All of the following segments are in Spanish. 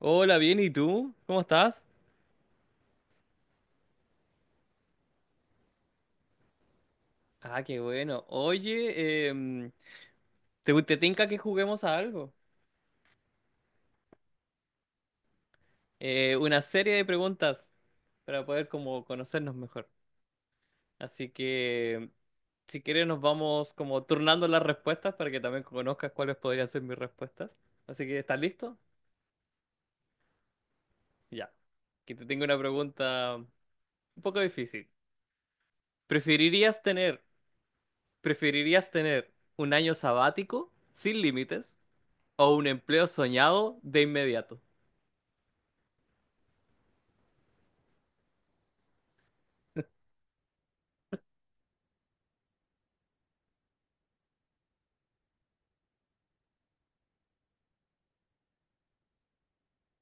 Hola, bien, ¿y tú? ¿Cómo estás? Ah, qué bueno. Oye, ¿te tinca que juguemos a algo? Una serie de preguntas para poder como conocernos mejor. Así que, si quieres, nos vamos como turnando las respuestas para que también conozcas cuáles podrían ser mis respuestas. Así que, ¿estás listo? Ya. Que te tengo una pregunta un poco difícil. ¿Preferirías tener, ¿preferirías tener un año sabático sin límites o un empleo soñado de inmediato?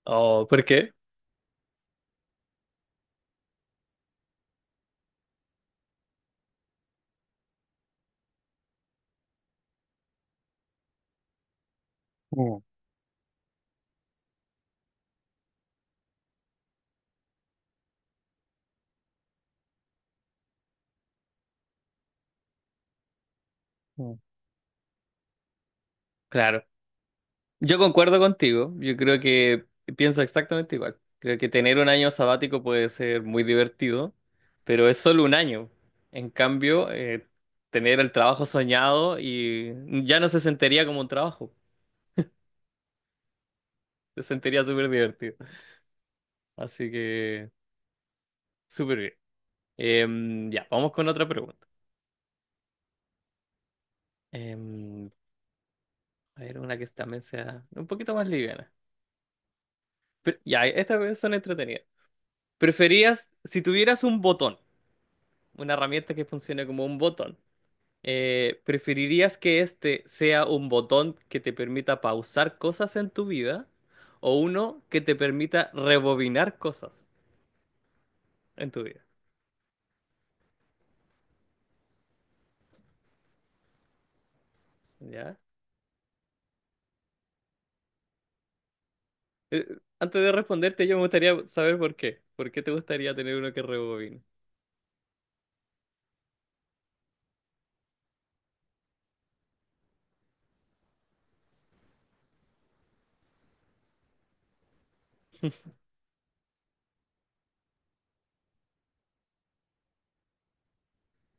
Oh, ¿por qué? Mm, mm. Claro. Yo concuerdo contigo. Yo creo que pienso exactamente igual. Creo que tener un año sabático puede ser muy divertido, pero es solo un año. En cambio, tener el trabajo soñado y ya no se sentiría como un trabajo. Se sentiría súper divertido. Así que, súper bien. Ya, vamos con otra pregunta. Em, a ver, una que también sea un poquito más liviana. Pero, ya, estas son entretenidas. ¿Preferías, si tuvieras un botón, una herramienta que funcione como un botón, ¿preferirías que este sea un botón que te permita pausar cosas en tu vida o uno que te permita rebobinar cosas en tu vida? ¿Ya? Eh, antes de responderte, yo me gustaría saber por qué. ¿Por qué te gustaría tener uno que rebobine?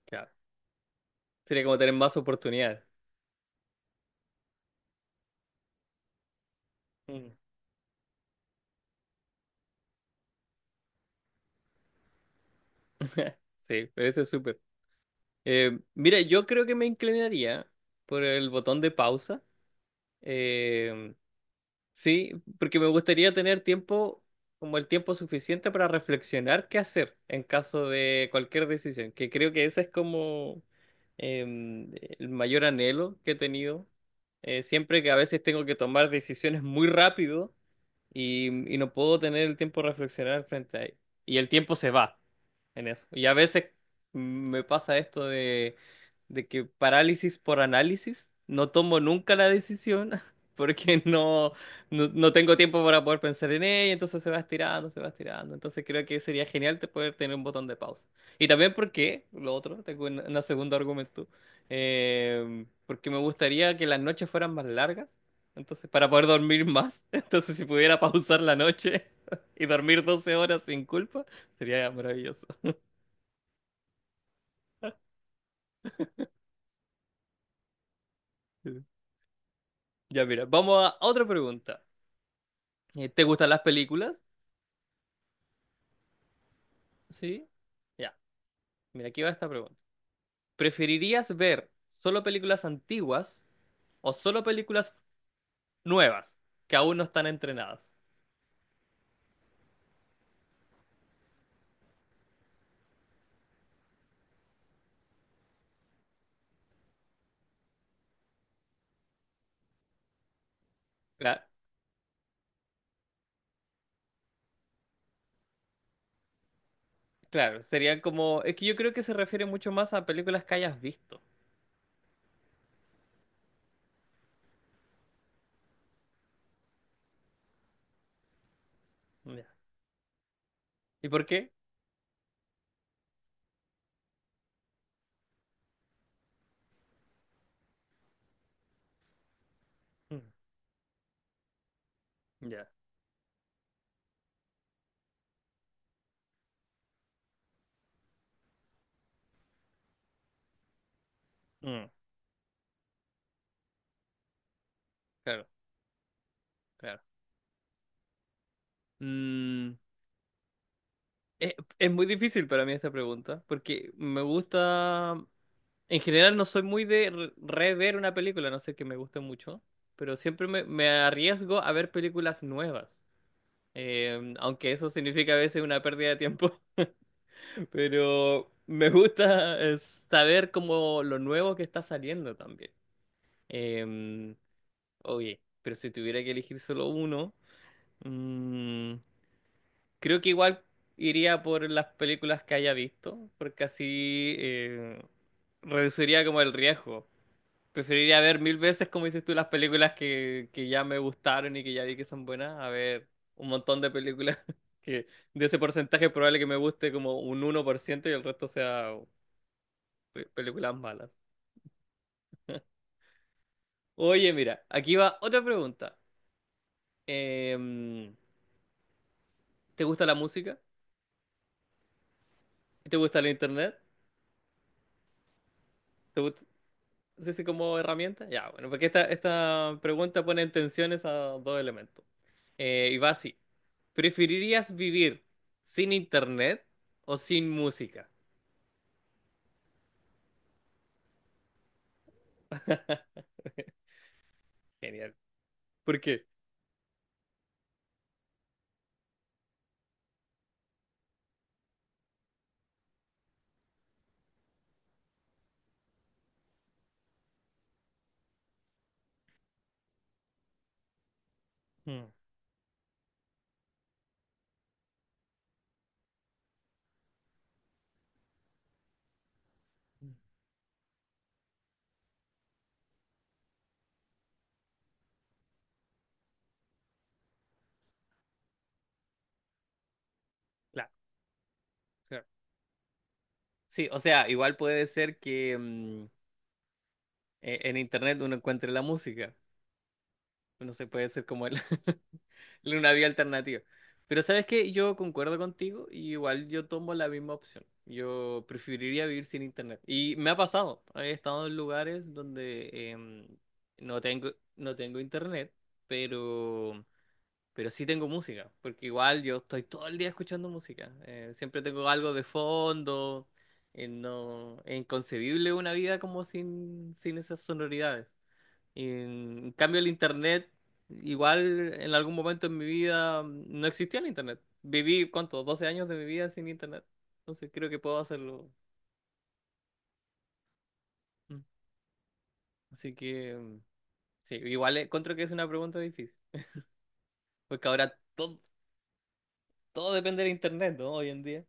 Claro. Sería como tener más oportunidades. Mm. Sí, pero eso es súper. Mira, yo creo que me inclinaría por el botón de pausa. Em, Sí, porque me gustaría tener tiempo, como el tiempo suficiente para reflexionar qué hacer en caso de cualquier decisión, que creo que ese es como em, el mayor anhelo que he tenido. Siempre que a veces tengo que tomar decisiones muy rápido y no puedo tener el tiempo de reflexionar frente a ello. Y el tiempo se va en eso. Y a veces me pasa esto de que parálisis por análisis, no tomo nunca la decisión porque no tengo tiempo para poder pensar en ella, entonces se va estirando, se va estirando. Entonces creo que sería genial te poder tener un botón de pausa. Y también porque, lo otro, tengo un segundo argumento, porque me gustaría que las noches fueran más largas, entonces para poder dormir más, entonces si pudiera pausar la noche. Y dormir 12 horas sin culpa sería maravilloso. Ya, mira, vamos a otra pregunta. ¿Te gustan las películas? Sí. Ya, mira, aquí va esta pregunta. ¿Preferirías ver solo películas antiguas o solo películas nuevas que aún no están entrenadas? Claro, claro, sería como... Es que yo creo que se refiere mucho más a películas que hayas visto. Ya. ¿Y por qué? Mm, ya. Mm, claro, claro. Mm, es, es muy difícil para mí esta pregunta porque me gusta... En general no soy muy de rever una película, no sé que me guste mucho, pero siempre me arriesgo a ver películas nuevas. Aunque eso significa a veces una pérdida de tiempo, pero me gusta saber como lo nuevo que está saliendo también. Eh, oye, pero si tuviera que elegir solo uno, mm, creo que igual iría por las películas que haya visto, porque así reduciría como el riesgo. Preferiría ver mil veces, como dices tú, las películas que ya me gustaron y que ya vi que son buenas, a ver un montón de películas que de ese porcentaje es probable que me guste como un 1% y el resto sea películas malas. Oye, mira, aquí va otra pregunta. Em, ¿Te gusta la música? ¿Te gusta el internet? ¿Te gusta? Sí, sí, como herramienta. Ya, bueno, porque esta pregunta pone en tensión esos dos elementos. Y va así. ¿Preferirías vivir sin internet o sin música? Genial. ¿Por qué? Mm. Claro, claro. Sí, o sea, igual puede ser que mm, en internet uno encuentre la música. No sé, puede ser como él. Una vía alternativa. Pero sabes que yo concuerdo contigo y igual yo tomo la misma opción. Yo preferiría vivir sin internet. Y me ha pasado. He estado en lugares donde no tengo, no tengo internet, pero, pero sí tengo música. Porque igual yo estoy todo el día escuchando música. Siempre tengo algo de fondo. No, es inconcebible una vida como sin esas sonoridades. En cambio, el internet, igual en algún momento en mi vida no existía el internet. Viví, ¿cuánto? 12 años de mi vida sin internet. Entonces creo que puedo hacerlo. Mm. Así que, mm, sí, igual encuentro que es una pregunta difícil. Porque ahora todo depende del internet, ¿no? Hoy en día.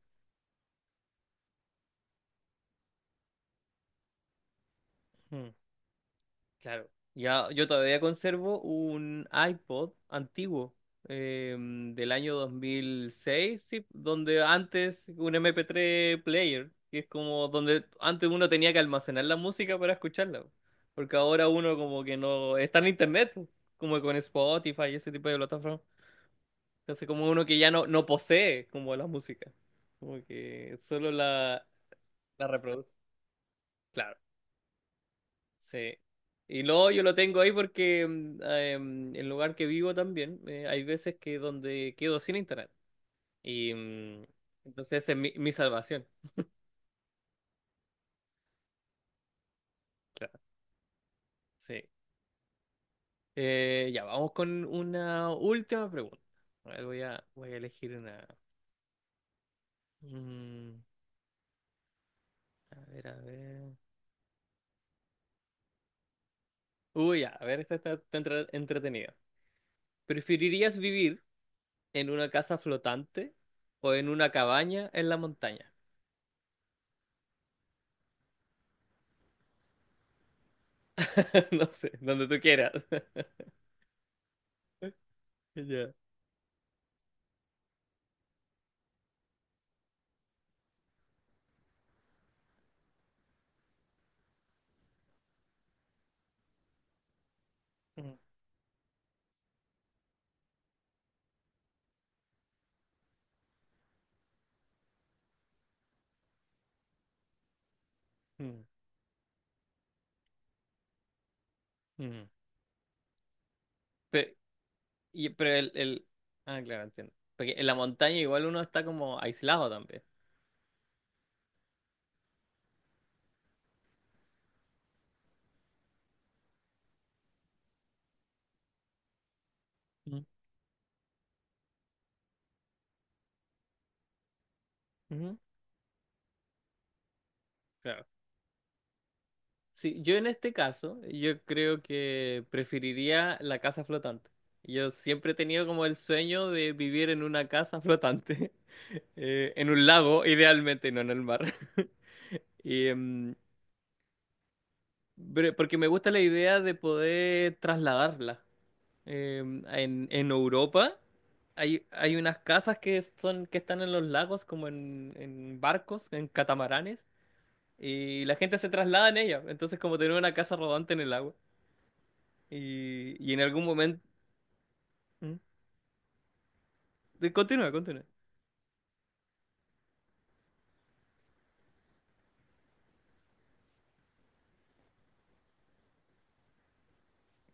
Claro. Ya, yo todavía conservo un iPod antiguo del año 2006, sí, donde antes un MP3 player, que es como donde antes uno tenía que almacenar la música para escucharla, po. Porque ahora uno como que no está en internet, po, como con Spotify y ese tipo de plataformas. Entonces como uno que ya no posee como la música, como que solo la reproduce. Claro. Sí. Y luego yo lo tengo ahí porque el lugar que vivo también, hay veces que donde quedo sin internet. Y mm, entonces esa es mi salvación. Claro, sí. Ya, vamos con una última pregunta. A ver, voy a elegir una. Mm, a ver, a ver. Uy, ya, a ver, esta está, está entretenida. ¿Preferirías vivir en una casa flotante o en una cabaña en la montaña? No sé, donde tú quieras. Ya. Mm. Ujú. Pero, y, pero el... Ah, claro, entiendo. Porque en la montaña igual uno está como aislado también. Mm. Ujú. Claro. Sí, yo en este caso, yo creo que preferiría la casa flotante. Yo siempre he tenido como el sueño de vivir en una casa flotante, en un lago, idealmente, no en el mar. Y, pero- porque me gusta la idea de poder trasladarla. Eh, en Europa hay unas casas que son, que están en los lagos, como en barcos, en catamaranes, y la gente se traslada en ellas. Entonces, como tener una casa rodante en el agua. Y en algún momento. ¿Mm? Continúa, continúa.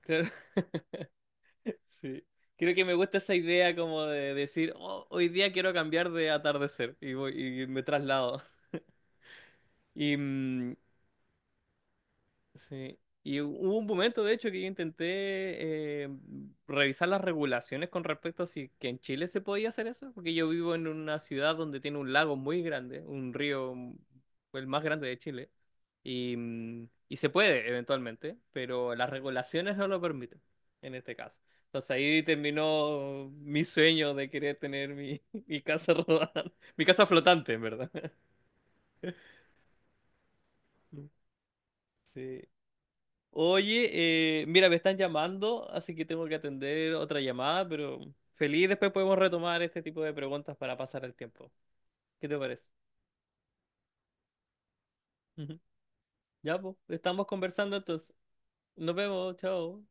Claro, sí. Creo que me gusta esa idea como de decir, "Oh, hoy día quiero cambiar de atardecer. Y voy, y me traslado. Y, mm, Sí. Y hubo un momento, de hecho, que yo intenté revisar las regulaciones con respecto a si que en Chile se podía hacer eso, porque yo vivo en una ciudad donde tiene un lago muy grande, un río, mm, el más grande de Chile, y, mm, y se puede eventualmente, pero las regulaciones no lo permiten en este caso. Entonces ahí terminó mi sueño de querer tener mi, mi casa rodante, mi casa flotante, en verdad. Sí. Oye, mira, me están llamando, así que tengo que atender otra llamada, pero feliz después podemos retomar este tipo de preguntas para pasar el tiempo. ¿Qué te parece? Ujú. Ya, pues, estamos conversando entonces. Nos vemos, chao.